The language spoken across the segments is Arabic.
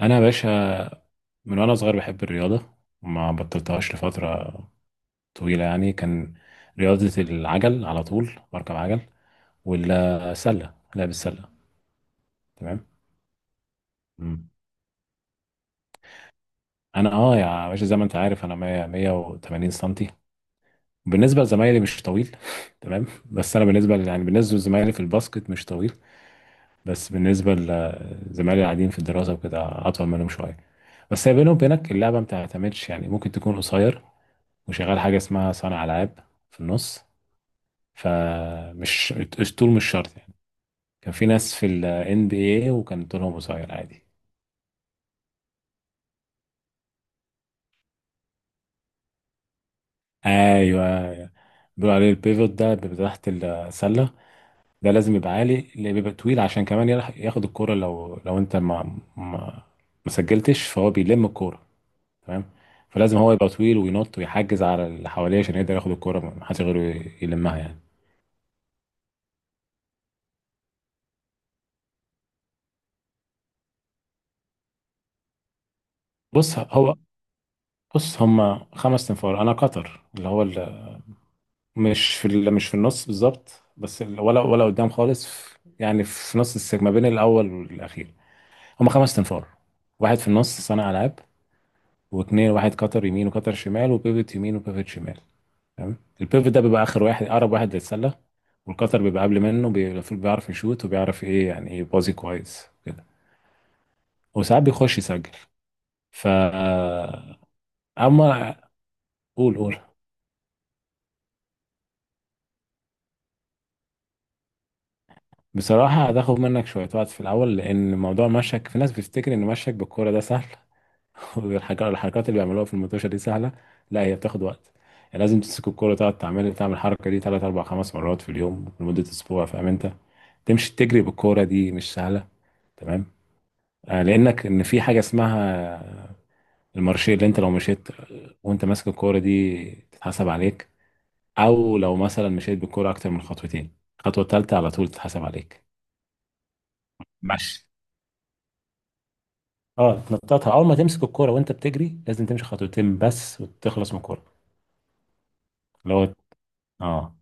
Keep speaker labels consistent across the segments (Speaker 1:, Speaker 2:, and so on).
Speaker 1: انا يا باشا، من وانا صغير بحب الرياضه وما بطلتهاش لفتره طويله. يعني كان رياضه العجل، على طول بركب عجل والسله، لعب السله. تمام. مم. انا اه يا باشا زي ما انت عارف، انا 100 180 سنتي. بالنسبه لزمايلي مش طويل تمام. بس انا بالنسبه بالنسبه لزمايلي في الباسكت مش طويل، بس بالنسبه لزمايلي العاديين في الدراسه وكده اطول منهم شويه. بس هي بيني وبينك اللعبه ما بتعتمدش، يعني ممكن تكون قصير وشغال حاجه اسمها صانع العاب في النص. فمش الطول مش شرط يعني. كان في ناس في ال NBA وكان طولهم قصير عادي. ايوه. أيوة. بيقولوا عليه البيفوت، ده بيبقى تحت السله، ده لازم يبقى عالي، اللي بيبقى طويل عشان كمان ياخد الكوره. لو انت ما ما سجلتش فهو بيلم الكوره. تمام. فلازم هو يبقى طويل وينط ويحجز على اللي حواليه عشان يقدر ياخد الكوره، ما حدش غيره يلمها يعني. بص هو بص هم خمس تنفار، انا قطر اللي هو مش في مش في النص بالظبط، بس ولا قدام خالص يعني في نص السجن ما بين الاول والاخير. هم خمس تنفار، واحد في النص صانع العاب واثنين واحد كتر يمين وكتر شمال، وبيفت يمين وبيفت شمال. تمام. البيفت ده بيبقى اخر واحد، اقرب واحد للسله، والكتر بيبقى قبل منه. المفروض بيعرف يشوت وبيعرف ايه، يعني ايه بازي كويس كده، وساعات بيخش يسجل. ف اما قول قول. بصراحة هتاخد منك شوية وقت في الأول، لأن موضوع مشك، في ناس بتفتكر إن مشك بالكورة ده سهل والحاجات، الحركات اللي بيعملوها في المطوشه دي سهله. لا، هي بتاخد وقت. يعني لازم تمسك الكوره، تقعد تعمل الحركه دي ثلاث اربع خمس مرات في اليوم لمده اسبوع، فاهم انت. تمشي تجري بالكوره دي مش سهله. تمام. آه، لانك في حاجه اسمها المارشيه، اللي انت لو مشيت وانت ماسك الكوره دي تتحسب عليك، او لو مثلا مشيت بالكوره اكتر من خطوتين الخطوه الثالثه على طول تتحسب عليك. ماشي. اه، تنططها. اول ما تمسك الكوره وانت بتجري لازم تمشي خطوتين بس وتخلص من الكوره. اللي هو اه.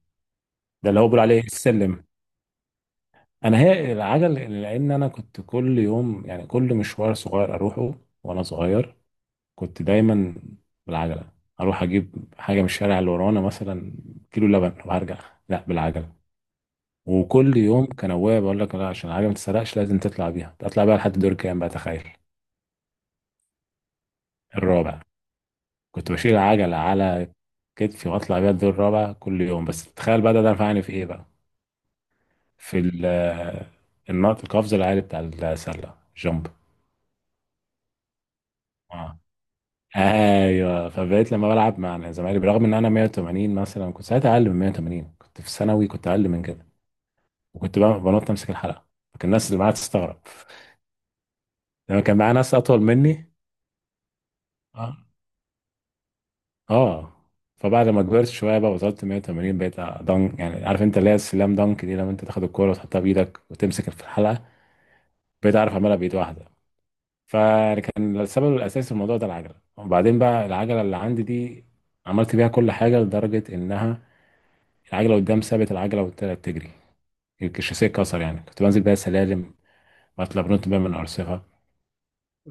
Speaker 1: ده اللي هو بيقول عليه السلم. انا هي العجل، لان انا كنت كل يوم، يعني كل مشوار صغير اروحه وانا صغير كنت دايما بالعجله. اروح اجيب حاجه من الشارع اللي ورانا مثلا كيلو لبن وارجع، لا بالعجله. وكل يوم كان ابويا بيقول لك لا، عشان العجله ما تتسرقش لازم تطلع بيها، تطلع بيها لحد دور كام بقى، تخيل. الرابع. كنت بشيل العجله على كتفي واطلع بيها الدور الرابع كل يوم. بس تخيل بقى، ده نفعني في ايه بقى. في النط، القفز العالي بتاع السله، جامب. اه. ايوه، فبقيت لما بلعب مع زمايلي برغم ان انا 180 مثلا، كنت ساعتها اقل من 180، كنت في ثانوي كنت اقل من كده، وكنت بقى بنط امسك الحلقه، فكان الناس اللي معايا تستغرب لما كان معايا ناس اطول مني. اه اه. فبعد ما كبرت شويه بقى وصلت 180 بقيت دنك. يعني عارف انت اللي هي السلام دنك دي، لما انت تاخد الكوره وتحطها بايدك وتمسك في الحلقه، بقيت اعرف اعملها بايد واحده. فكان السبب الاساسي في الموضوع ده العجله. وبعدين بقى العجله اللي عندي دي عملت بيها كل حاجه، لدرجه انها العجله قدام ثابت، العجله والتانيه بتجري، الشاسيه اتكسر. يعني كنت بنزل بيها سلالم واتلبنت بيها من ارصفه،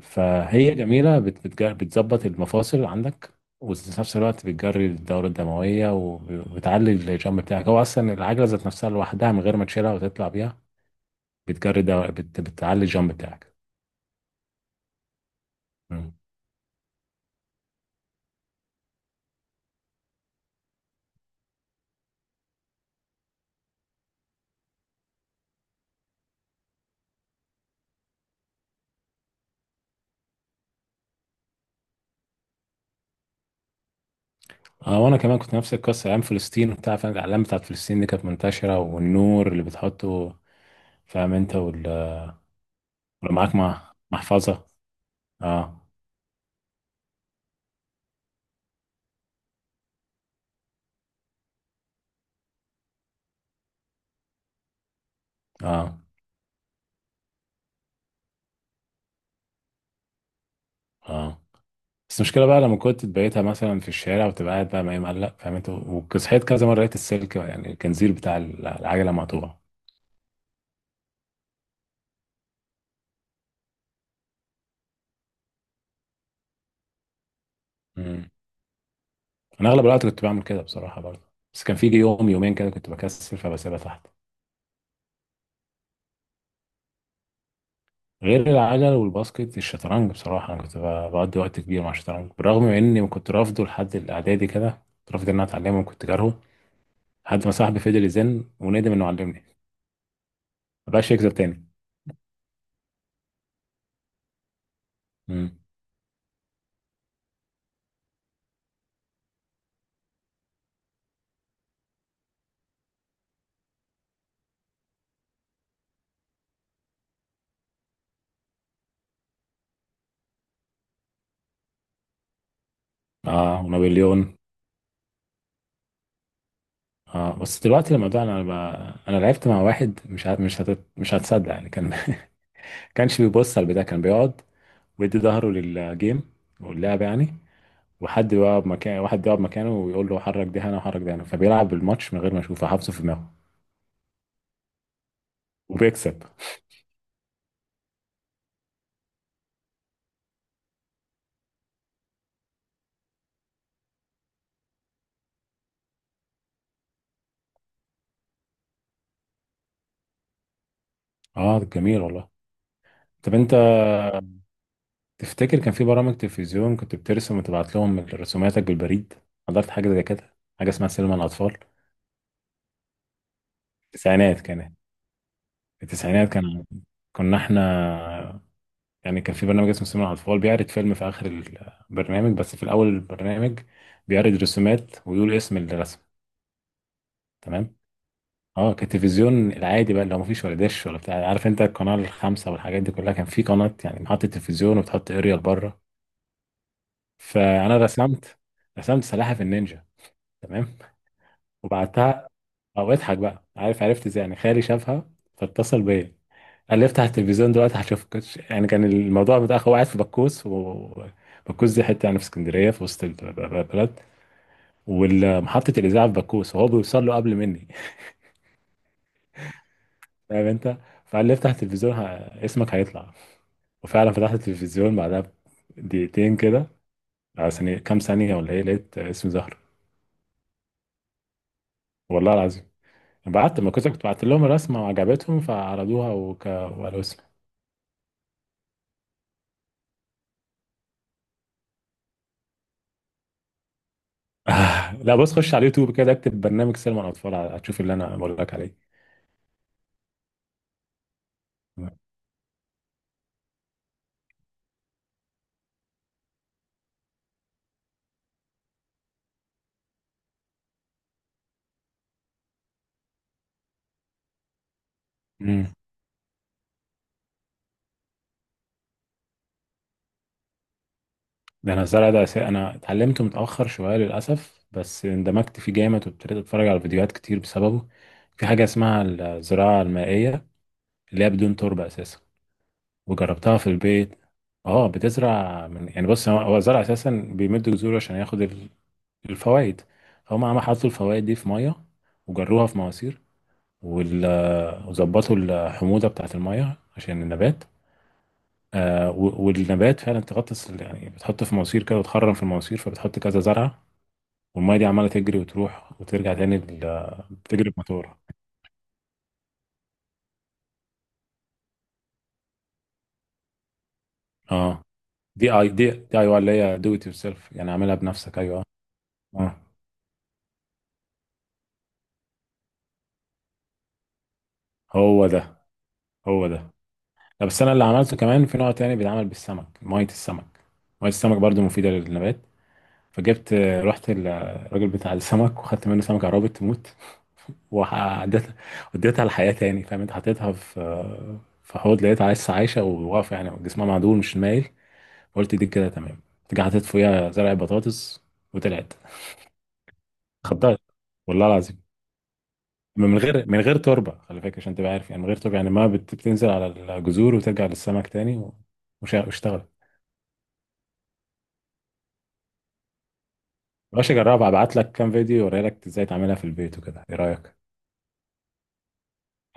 Speaker 1: فهي جميله بتظبط المفاصل عندك، وفي نفس الوقت بتجري الدوره الدمويه وبتعلي الجامب بتاعك. هو اصلا العجله ذات نفسها لوحدها من غير ما تشيلها وتطلع بيها بتعلي الجامب بتاعك. مم. اه، وانا كمان كنت نفس القصه ايام فلسطين وبتاع، فاهم، الاعلام بتاعت فلسطين دي كانت منتشره والنور اللي بتحطه، فاهم انت ولو معاك مع محفظه. اه اه. اه، بس المشكله بقى لما كنت بقيتها مثلا في الشارع وتبقى قاعد بقى ما مقلق، فاهم انت، وصحيت كذا مره لقيت السلك يعني الكنزير بتاع العجله مقطوع. امم. انا اغلب الوقت كنت بعمل كده بصراحه برضه، بس كان في يوم يومين كده كنت بكسل فبسيبها تحت. غير العجل والباسكت، الشطرنج. بصراحه انا كنت بقضي وقت كبير مع الشطرنج، بالرغم من اني كنت رافضه لحد الاعدادي كده، كنت رافض ان انا اتعلمه وكنت كارهه، لحد ما صاحبي فضل يزن وندم انه علمني، ما بقاش يكذب تاني. امم. اه، ونابليون. اه، بس دلوقتي لما ده انا انا لعبت مع واحد مش ه... مش هت... مش هتصدق يعني. كان كانش بيبص على البتاع، كان بيقعد ويدي ظهره للجيم واللعب، يعني وحد يقعد مكان واحد يقعد مكانه ويقول له حرك ده هنا وحرك ده هنا، فبيلعب الماتش من غير ما يشوفه، حافظه في دماغه، وبيكسب. اه جميل والله. طب انت تفتكر كان في برامج تلفزيون كنت بترسم وتبعت لهم رسوماتك بالبريد؟ حضرت حاجه زي كده، حاجه اسمها سينما الاطفال. التسعينات التسعينات كان، كنا احنا، يعني كان في برنامج اسمه سينما على الفول، بيعرض فيلم في آخر البرنامج، بس في الأول البرنامج بيعرض رسومات ويقول اسم الرسم. تمام. اه، كان التلفزيون العادي بقى، اللي هو مفيش ولا دش ولا بتاع، عارف انت، القناة الخامسة والحاجات دي كلها. كان في قناة يعني محطة تلفزيون وبتحط اريال بره. فأنا رسمت رسمت سلاحف النينجا. تمام. وبعتها. او اضحك بقى، عارف عرفت ازاي؟ يعني خالي شافها فاتصل بيا، قال لي افتح التلفزيون دلوقتي هشوفك. يعني كان الموضوع متأخر. هو قاعد في بكوس، وبكوس دي حته يعني في اسكندريه في وسط البلد، ومحطه الاذاعه في بكوس، وهو بيوصل له قبل مني فاهم انت. فقال لي افتح التلفزيون اسمك هيطلع. وفعلا فتحت التلفزيون بعدها دقيقتين كده، عشان كام ثانيه ولا ايه، لقيت اسم زهر. والله العظيم. بعت ما كنت كنت بعت لهم الرسمه وعجبتهم فعرضوها وقالوا اسم. آه، لا بص، خش على اليوتيوب كده، اكتب برنامج سينما الاطفال، هتشوف اللي انا بقول لك عليه. امم. ده انا الزرع ده انا اتعلمته متاخر شويه للاسف، بس اندمجت فيه جامد وابتديت اتفرج على فيديوهات كتير بسببه. في حاجه اسمها الزراعه المائيه، اللي هي بدون تربه اساسا، وجربتها في البيت. اه بتزرع من، يعني بص هو الزرع اساسا بيمد جذوره عشان ياخد الفوائد، فهم عم حطوا الفوائد دي في ميه، وجروها في مواسير وظبطوا الحموضه بتاعت الميه عشان النبات. آه، والنبات فعلا تغطس، يعني بتحط في مواسير كده وتخرم في المواسير، فبتحط كذا زرعة، والمية دي عمالة تجري وتروح وترجع تاني. بتجري بموتور. اه دي اي دي، دي اي واي، اللي هي دو ات يور سيلف يعني عاملها بنفسك. ايوه. اه. هو ده هو ده. لا بس انا اللي عملته كمان في نوع تاني بيتعمل بالسمك، مية السمك. مية السمك برضو مفيدة للنبات. فجبت آه، رحت الراجل بتاع السمك وخدت منه سمكة عرابة تموت، وعديتها وديتها الحياة تاني. فاهم انت، حطيتها في في حوض، لقيتها لسه عايشة وواقفة يعني جسمها معدول مش مايل. قلت دي كده تمام. رجعت حطيت فوقيها زرع بطاطس، وطلعت، خضرت. والله العظيم. من غير تربة، خلي بالك عشان تبقى عارف، يعني من غير تربة، يعني ما بت- بتنزل على الجذور وترجع للسمك تاني واشتغل. ماشي، جربها، ابعت لك كام فيديو اوري لك ازاي تعملها في البيت وكده، ايه رأيك؟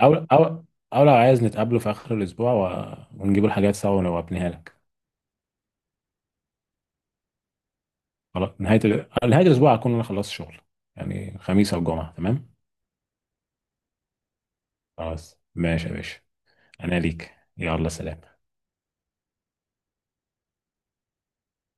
Speaker 1: او او او لو عايز نتقابله في اخر الاسبوع ونجيب الحاجات سوا وابنيها لك. خلاص نهاية الأسبوع هكون أنا خلصت شغل، يعني خميس أو جمعة. تمام. خلاص ماشي يا باشا. أنا ليك، يلا سلام.